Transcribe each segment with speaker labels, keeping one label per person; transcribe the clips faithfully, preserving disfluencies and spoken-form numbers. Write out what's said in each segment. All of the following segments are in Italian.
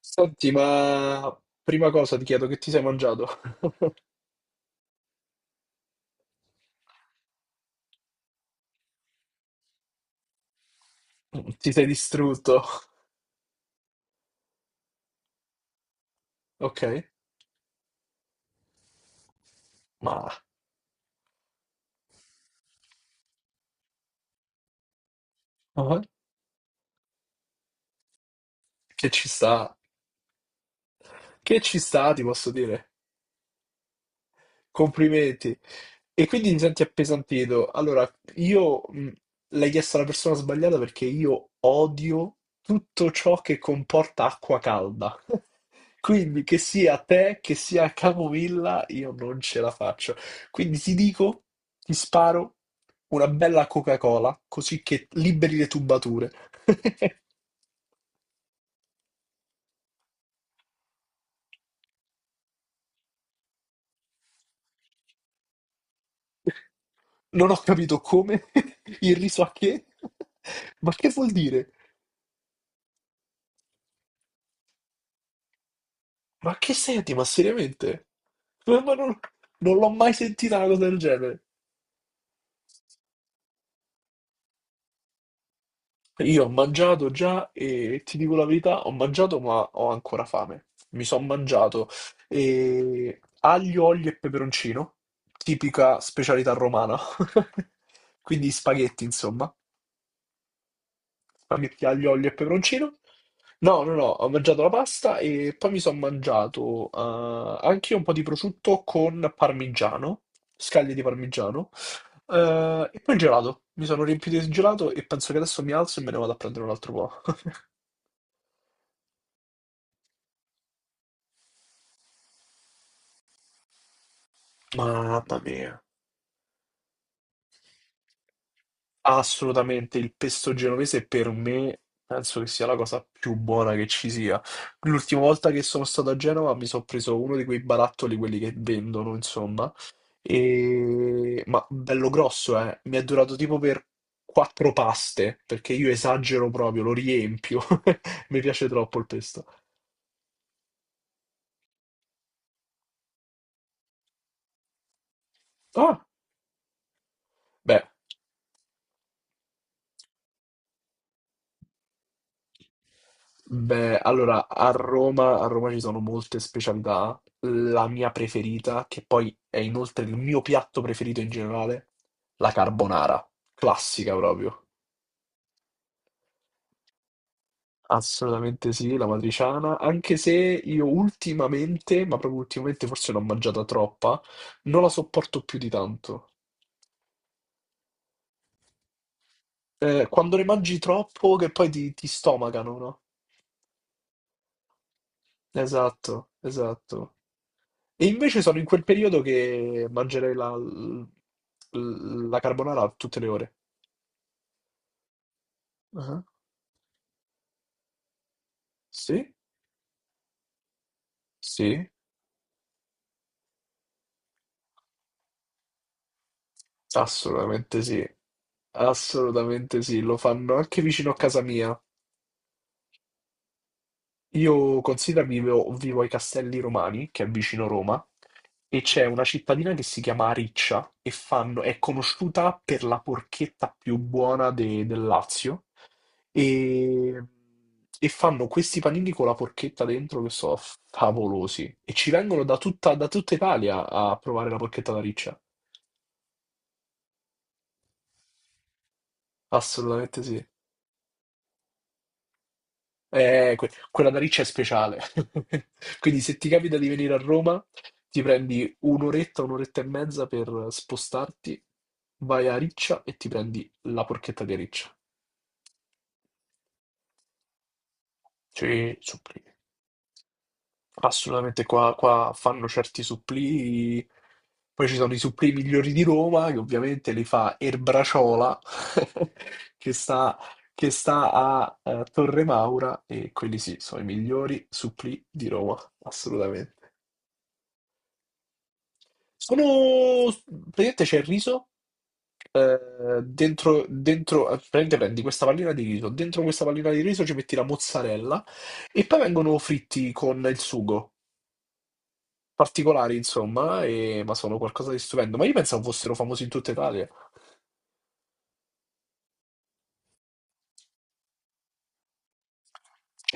Speaker 1: Senti, ma prima cosa ti chiedo che ti sei mangiato? Ti sei distrutto? Ok, ma ma che ci sta? Che ci sta, ti posso dire? Complimenti. E quindi ti senti appesantito. Allora, io mh, l'hai chiesto alla persona sbagliata perché io odio tutto ciò che comporta acqua calda. Quindi, che sia te, che sia Capovilla, io non ce la faccio. Quindi ti dico, ti sparo una bella Coca-Cola, così che liberi le tubature. Non ho capito come, il riso a che, ma che vuol dire? Ma che senti? Ma seriamente? Ma ma non, non l'ho mai sentita una cosa del genere. Io ho mangiato già e ti dico la verità, ho mangiato ma ho ancora fame. Mi sono mangiato eh, aglio, olio e peperoncino, tipica specialità romana. Quindi spaghetti, insomma. Spaghetti aglio, olio e peperoncino. No, no, no, ho mangiato la pasta e poi mi sono mangiato eh, anche io un po' di prosciutto con parmigiano, scaglie di parmigiano, eh, e poi il gelato. Mi sono riempito di gelato e penso che adesso mi alzo e me ne vado a prendere un altro po'. Mamma mia, assolutamente il pesto genovese per me penso che sia la cosa più buona che ci sia. L'ultima volta che sono stato a Genova mi sono preso uno di quei barattoli, quelli che vendono, insomma. E- Ma bello grosso, eh. Mi è durato tipo per quattro paste, perché io esagero proprio, lo riempio. Mi piace troppo il pesto. Ah, beh, beh, allora, a Roma, a Roma ci sono molte specialità. La mia preferita, che poi è inoltre il mio piatto preferito in generale, la carbonara. Classica proprio. Assolutamente sì, la matriciana, anche se io ultimamente, ma proprio ultimamente forse l'ho mangiata troppa, non la sopporto più di tanto. Eh, quando ne mangi troppo che poi ti, ti stomacano, no? Esatto, esatto. E invece sono in quel periodo che mangerei la, la carbonara tutte le ore. Ah, sì? Sì? Assolutamente sì, assolutamente sì, lo fanno anche vicino a casa mia. Io considero vivo, vivo ai Castelli Romani, che è vicino Roma, e c'è una cittadina che si chiama Riccia e fanno- è conosciuta per la porchetta più buona de- del Lazio. E, e fanno questi panini con la porchetta dentro che sono favolosi. E ci vengono da tutta, da tutta Italia a provare la porchetta da Riccia. Assolutamente sì. Eh, que- quella da Riccia è speciale. Quindi se ti capita di venire a Roma, ti prendi un'oretta, un'oretta e mezza per spostarti, vai a Riccia e ti prendi la porchetta di Riccia. Cioè, supplì. Assolutamente qua, qua fanno certi supplì. Poi ci sono i supplì migliori di Roma, che ovviamente li fa Erbraciola, che sta, che sta a eh, Torre Maura, e quelli sì, sono i migliori supplì di Roma, assolutamente. Sono. Praticamente c'è il riso, eh, dentro, dentro, eh, praticamente prendi questa pallina di riso, dentro questa pallina di riso ci metti la mozzarella e poi vengono fritti con il sugo. Particolari, insomma, e- ma sono qualcosa di stupendo. Ma io pensavo fossero famosi in tutta Italia.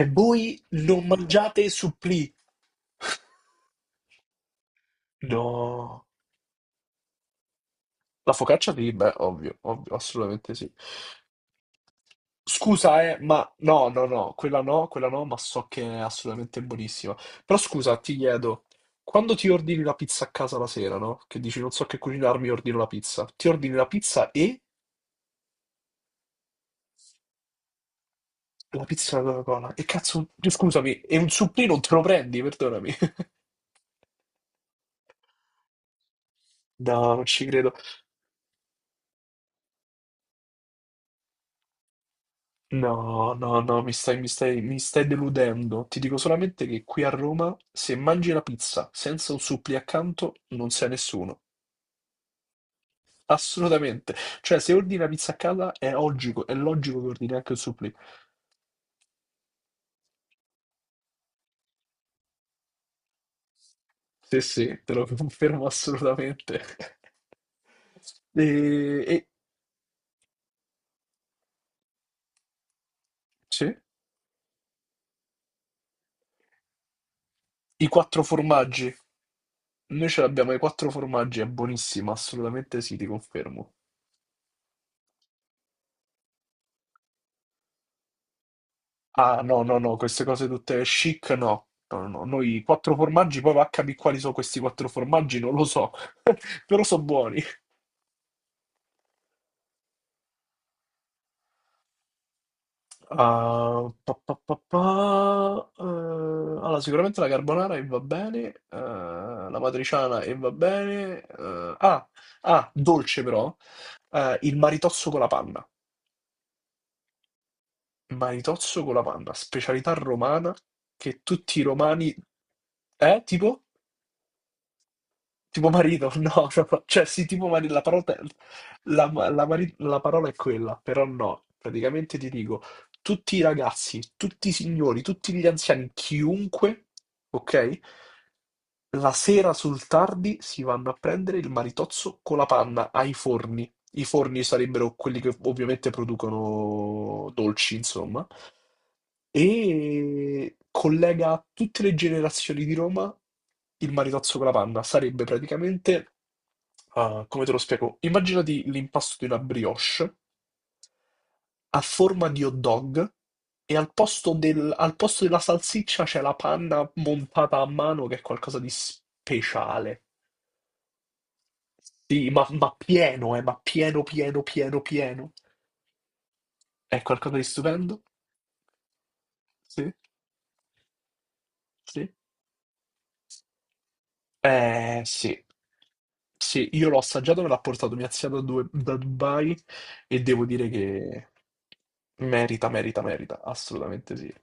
Speaker 1: E voi non mangiate supplì? No. La focaccia di, beh, ovvio, ovvio, assolutamente sì. Scusa, eh, ma no, no, no, quella no, quella no, ma so che è assolutamente buonissima. Però scusa, ti chiedo, quando ti ordini la pizza a casa la sera, no? Che dici non so che cucinarmi, ordino la pizza. Ti ordini la pizza e la pizza alla Coca-Cola. E cazzo, scusami, e un supplì non te lo prendi, perdonami. No, non ci credo. No, no, no, mi stai, mi stai, mi stai deludendo. Ti dico solamente che qui a Roma, se mangi la pizza senza un suppli accanto, non sei nessuno. Assolutamente. Cioè, se ordini la pizza a casa, è logico, è logico che ordini anche il supplì. Sì, sì, te lo confermo assolutamente. E, e- sì, i quattro formaggi. Noi ce l'abbiamo, i quattro formaggi, è buonissima, assolutamente sì, ti confermo. Ah, no, no, no, queste cose tutte chic, no. No, no, noi quattro formaggi, poi va a capire quali sono questi quattro formaggi, non lo so, però sono buoni. Ah, pa, pa, pa, pa, eh, allora, sicuramente la carbonara e va bene, eh, la matriciana e va bene. eh, ah, ah, dolce però, eh, il maritozzo con la panna. Maritozzo con la panna, specialità romana che tutti i romani. Eh, tipo? Tipo marito, no, no, no. Cioè sì, tipo marito, la parola, la, la mari- la parola è quella, però no, praticamente ti dico, tutti i ragazzi, tutti i signori, tutti gli anziani, chiunque, ok? La sera sul tardi si vanno a prendere il maritozzo con la panna ai forni. I forni sarebbero quelli che ovviamente producono dolci, insomma, e collega tutte le generazioni di Roma il maritozzo con la panna. Sarebbe praticamente. Ah, come te lo spiego? Immaginati l'impasto di una brioche a forma di hot dog e al posto, del- al posto della salsiccia c'è la panna montata a mano che è qualcosa di speciale. Sì, ma, ma pieno, eh, ma pieno, pieno, pieno, pieno. È qualcosa di stupendo? Sì, sì. Eh, sì, sì, io l'ho assaggiato, me l'ha portato mia zia da, due- da Dubai e devo dire che merita, merita, merita, assolutamente sì.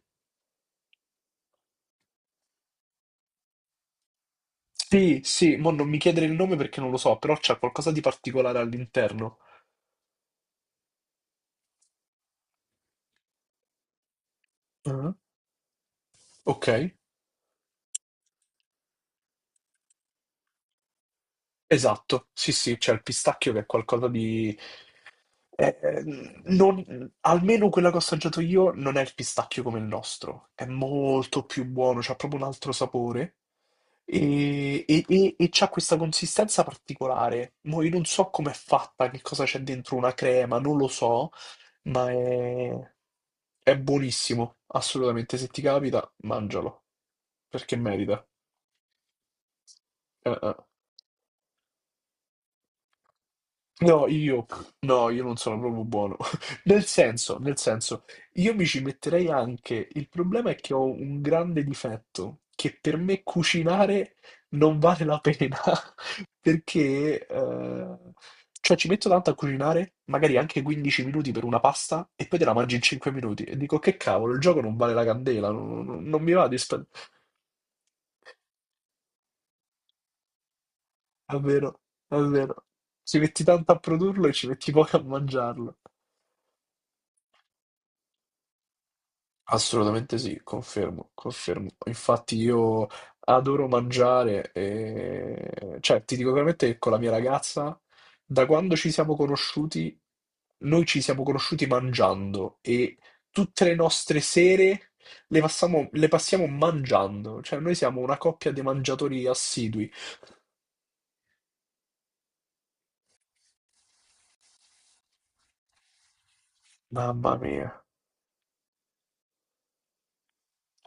Speaker 1: Sì, sì, mo non mi chiedere il nome perché non lo so, però c'è qualcosa di particolare all'interno. Ah. Ok, esatto, sì, sì, c'è il pistacchio che è qualcosa di. Eh, eh, non- almeno quella che ho assaggiato io non è il pistacchio come il nostro, è molto più buono, c'ha proprio un altro sapore e, e, e- e c'ha questa consistenza particolare. Mo io non so com'è fatta, che cosa c'è dentro una crema, non lo so, ma è, è buonissimo, assolutamente. Se ti capita, mangialo, perché merita. Eh, eh. No, io, no, io non sono proprio buono. Nel senso, nel senso, io mi ci metterei anche. Il problema è che ho un grande difetto, che per me cucinare non vale la pena, perché, eh, cioè, ci metto tanto a cucinare, magari anche quindici minuti per una pasta, e poi te la mangi in cinque minuti. E dico, che cavolo, il gioco non vale la candela, non, non- non mi va di spendere. È vero, è vero. Ci metti tanto a produrlo e ci metti poco a mangiarlo. Assolutamente sì, confermo, confermo. Infatti io adoro mangiare e. Cioè, ti dico veramente che con la mia ragazza, da quando ci siamo conosciuti, noi ci siamo conosciuti mangiando e tutte le nostre sere le passiamo, le passiamo mangiando. Cioè, noi siamo una coppia di mangiatori assidui. Mamma mia.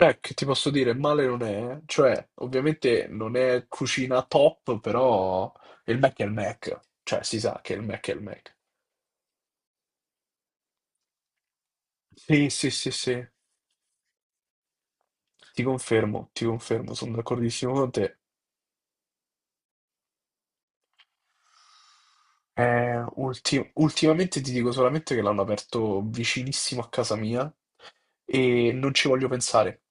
Speaker 1: Eh, che ti posso dire, male non è, eh. Cioè, ovviamente non è cucina top, però il Mac è il Mac, cioè si sa che il Mac è il Mac. Sì, sì, sì, sì, ti confermo, ti confermo, sono d'accordissimo con te. Eh, ulti- ultimamente ti dico solamente che l'hanno aperto vicinissimo a casa mia e non ci voglio pensare.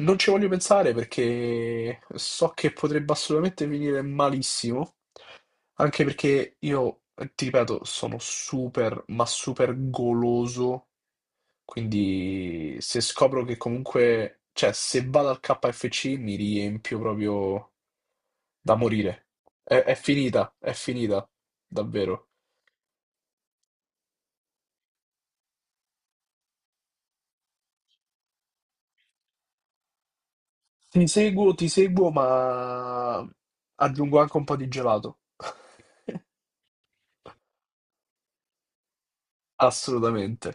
Speaker 1: Non ci voglio pensare perché so che potrebbe assolutamente finire malissimo. Anche perché io, eh, ti ripeto, sono super, ma super goloso, quindi se scopro che comunque, cioè se vado al K F C mi riempio proprio da morire. È, è finita, è finita, davvero. Ti seguo, ti seguo, ma aggiungo anche un po' di gelato. Assolutamente.